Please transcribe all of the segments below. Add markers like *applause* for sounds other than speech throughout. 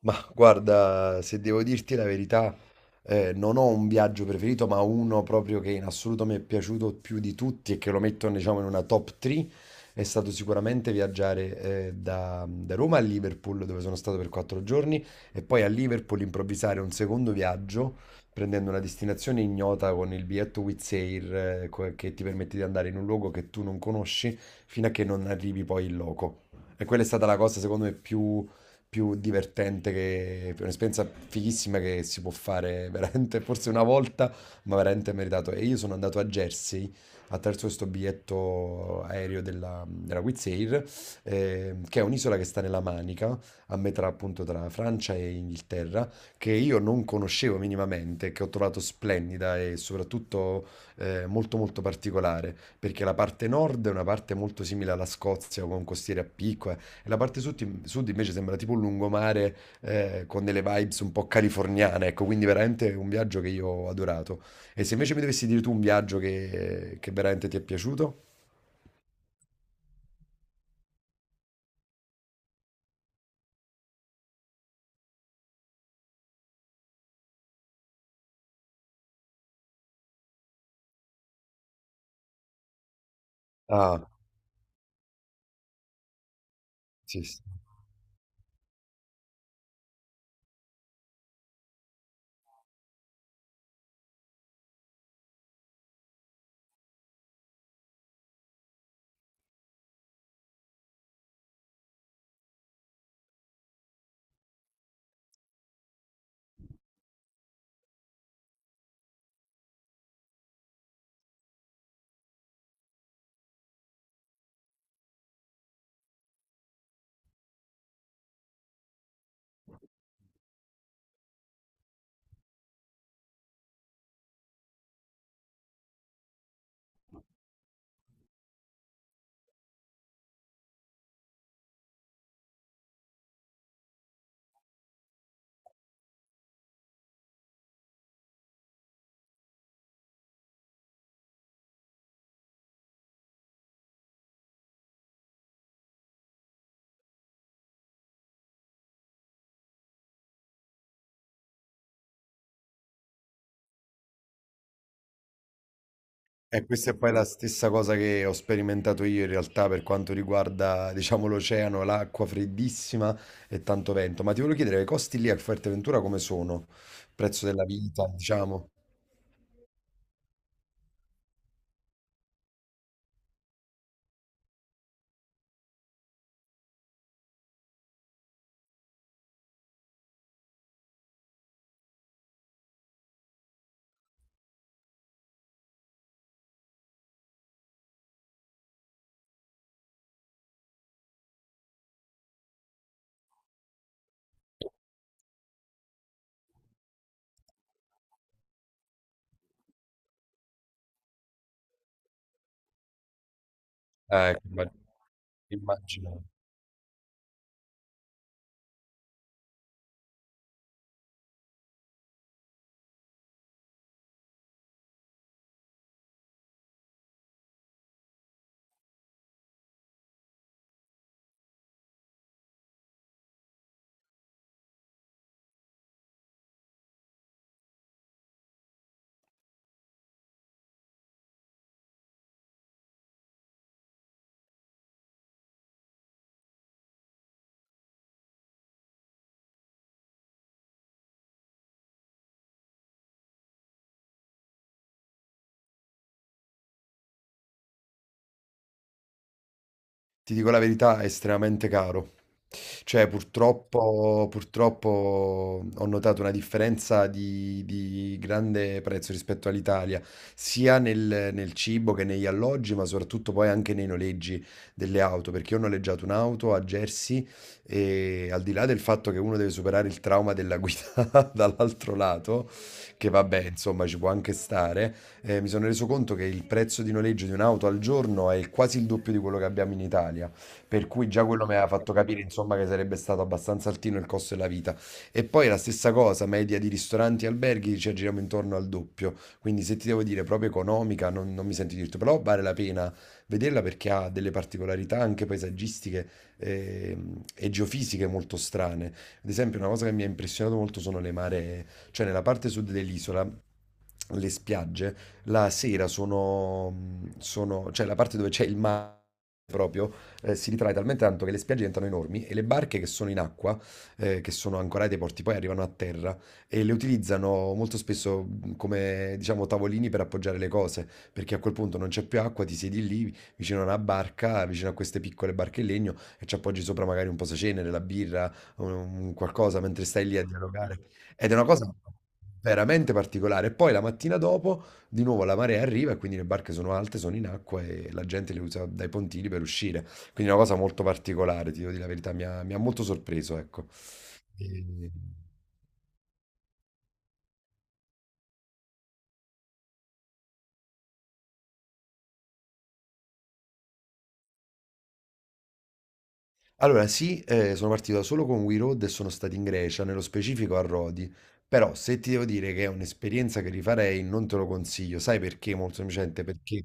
Ma guarda, se devo dirti la verità, non ho un viaggio preferito, ma uno proprio che in assoluto mi è piaciuto più di tutti e che lo metto, diciamo, in una top 3 è stato sicuramente viaggiare, da Roma a Liverpool, dove sono stato per 4 giorni, e poi a Liverpool improvvisare un secondo viaggio prendendo una destinazione ignota con il biglietto Wizz Air, che ti permette di andare in un luogo che tu non conosci fino a che non arrivi poi in loco. E quella è stata la cosa, secondo me, più divertente, che, è un'esperienza fighissima che si può fare *laughs* veramente, forse una volta, ma veramente meritato. E io sono andato a Jersey attraverso questo biglietto aereo della Wizz Air, che è un'isola che sta nella Manica, a metà appunto tra Francia e Inghilterra, che io non conoscevo minimamente, che ho trovato splendida e soprattutto molto molto particolare, perché la parte nord è una parte molto simile alla Scozia, con costiere a picco, e la parte sud, sud invece sembra tipo un lungomare con delle vibes un po' californiane, ecco, quindi veramente un viaggio che io ho adorato. E se invece mi dovessi dire tu un viaggio che veramente ti è piaciuto? Ah, sì, sì. E questa è poi la stessa cosa che ho sperimentato io in realtà per quanto riguarda, diciamo, l'oceano, l'acqua freddissima e tanto vento. Ma ti volevo chiedere, i costi lì a Fuerteventura come sono? Prezzo della vita, diciamo. Ecco, immagino. Ti dico la verità, è estremamente caro. Cioè, purtroppo, ho notato una differenza di grande prezzo rispetto all'Italia, sia nel cibo che negli alloggi, ma soprattutto poi anche nei noleggi delle auto, perché io ho noleggiato un'auto a Jersey e al di là del fatto che uno deve superare il trauma della guida *laughs* dall'altro lato, che vabbè, insomma, ci può anche stare, mi sono reso conto che il prezzo di noleggio di un'auto al giorno è quasi il doppio di quello che abbiamo in Italia, per cui già quello mi aveva fatto capire, insomma, che sarebbe stato abbastanza altino il costo della vita. E poi la stessa cosa, media di ristoranti e alberghi ci aggiriamo intorno al doppio, quindi se ti devo dire proprio economica, non mi sento di dirti, però vale la pena vederla perché ha delle particolarità anche paesaggistiche e geofisiche molto strane. Ad esempio, una cosa che mi ha impressionato molto sono le maree, cioè nella parte sud dell'isola. Le spiagge la sera cioè la parte dove c'è il mare proprio, si ritrae talmente tanto che le spiagge diventano enormi e le barche che sono in acqua, che sono ancorate ai porti, poi arrivano a terra e le utilizzano molto spesso come, diciamo, tavolini per appoggiare le cose, perché a quel punto non c'è più acqua, ti siedi lì vicino a una barca, vicino a queste piccole barche in legno e ci appoggi sopra magari un posacenere, la birra, qualcosa mentre stai lì a dialogare. Ed è una cosa veramente particolare. E poi la mattina dopo di nuovo la marea arriva e quindi le barche sono alte, sono in acqua e la gente le usa dai pontili per uscire. Quindi è una cosa molto particolare, ti devo dire la verità, mi ha molto sorpreso, ecco. E- Allora, sì, sono partito solo con We Road e sono stato in Grecia, nello specifico a Rodi. Però se ti devo dire che è un'esperienza che rifarei, non te lo consiglio. Sai perché? Molto semplicemente perché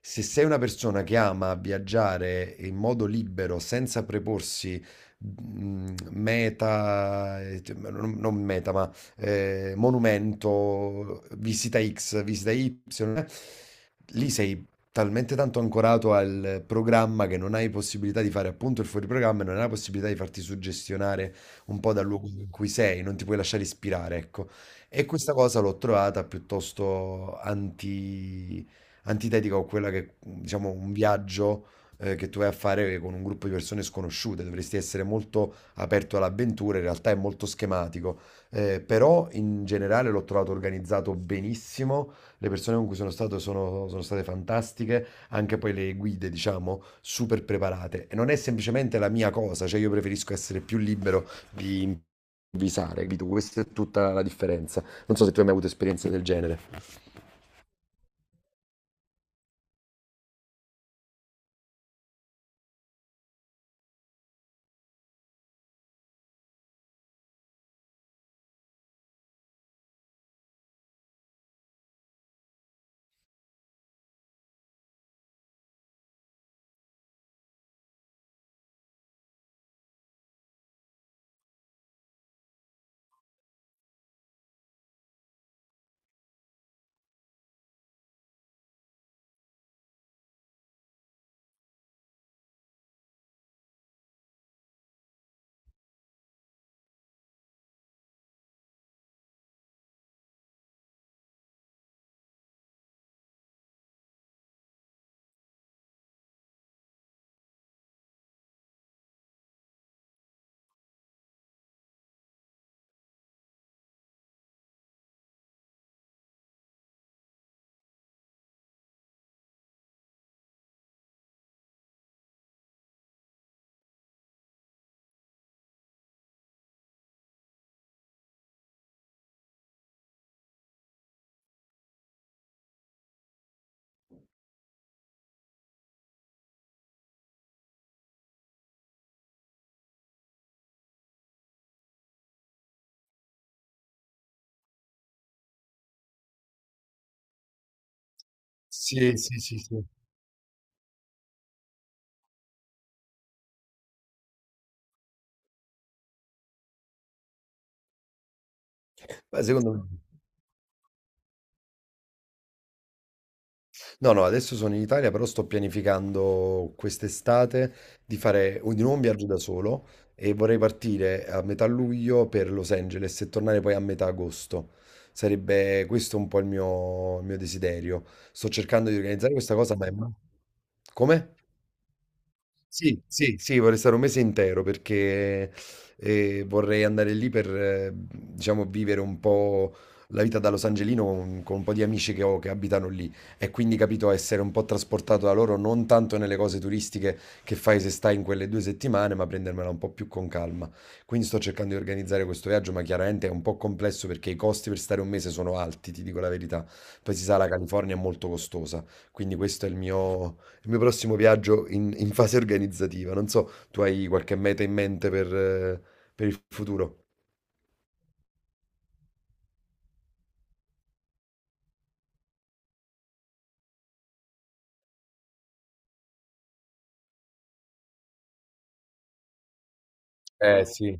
se sei una persona che ama viaggiare in modo libero, senza preporsi meta, cioè, non meta, ma monumento, visita X, visita Y, eh, lì sei talmente tanto ancorato al programma che non hai possibilità di fare appunto il fuoriprogramma e non hai la possibilità di farti suggestionare un po' dal luogo in cui sei, non ti puoi lasciare ispirare, ecco. E questa cosa l'ho trovata piuttosto antitetica a quella che, diciamo, un viaggio che tu vai a fare con un gruppo di persone sconosciute, dovresti essere molto aperto all'avventura, in realtà è molto schematico. Però in generale l'ho trovato organizzato benissimo. Le persone con cui sono stato sono state fantastiche, anche poi le guide, diciamo, super preparate. E non è semplicemente la mia cosa, cioè io preferisco essere più libero di improvvisare, capito? Questa è tutta la differenza. Non so se tu hai mai avuto esperienze del genere. Sì, sì, sì, sì. Beh, secondo me. No, no, adesso sono in Italia, però sto pianificando quest'estate di fare di nuovo un viaggio da solo e vorrei partire a metà luglio per Los Angeles e tornare poi a metà agosto. Sarebbe questo un po' il mio desiderio. Sto cercando di organizzare questa cosa, ma è. Come? Sì, sì, sì, vorrei stare un mese intero perché vorrei andare lì per, diciamo, vivere un po' la vita da Los Angelino con un po' di amici che ho che abitano lì e quindi, capito, essere un po' trasportato da loro, non tanto nelle cose turistiche che fai se stai in quelle 2 settimane, ma prendermela un po' più con calma. Quindi sto cercando di organizzare questo viaggio, ma chiaramente è un po' complesso perché i costi per stare un mese sono alti, ti dico la verità. Poi si sa, la California è molto costosa, quindi questo è il mio prossimo viaggio in fase organizzativa. Non so, tu hai qualche meta in mente per il futuro? Eh sì,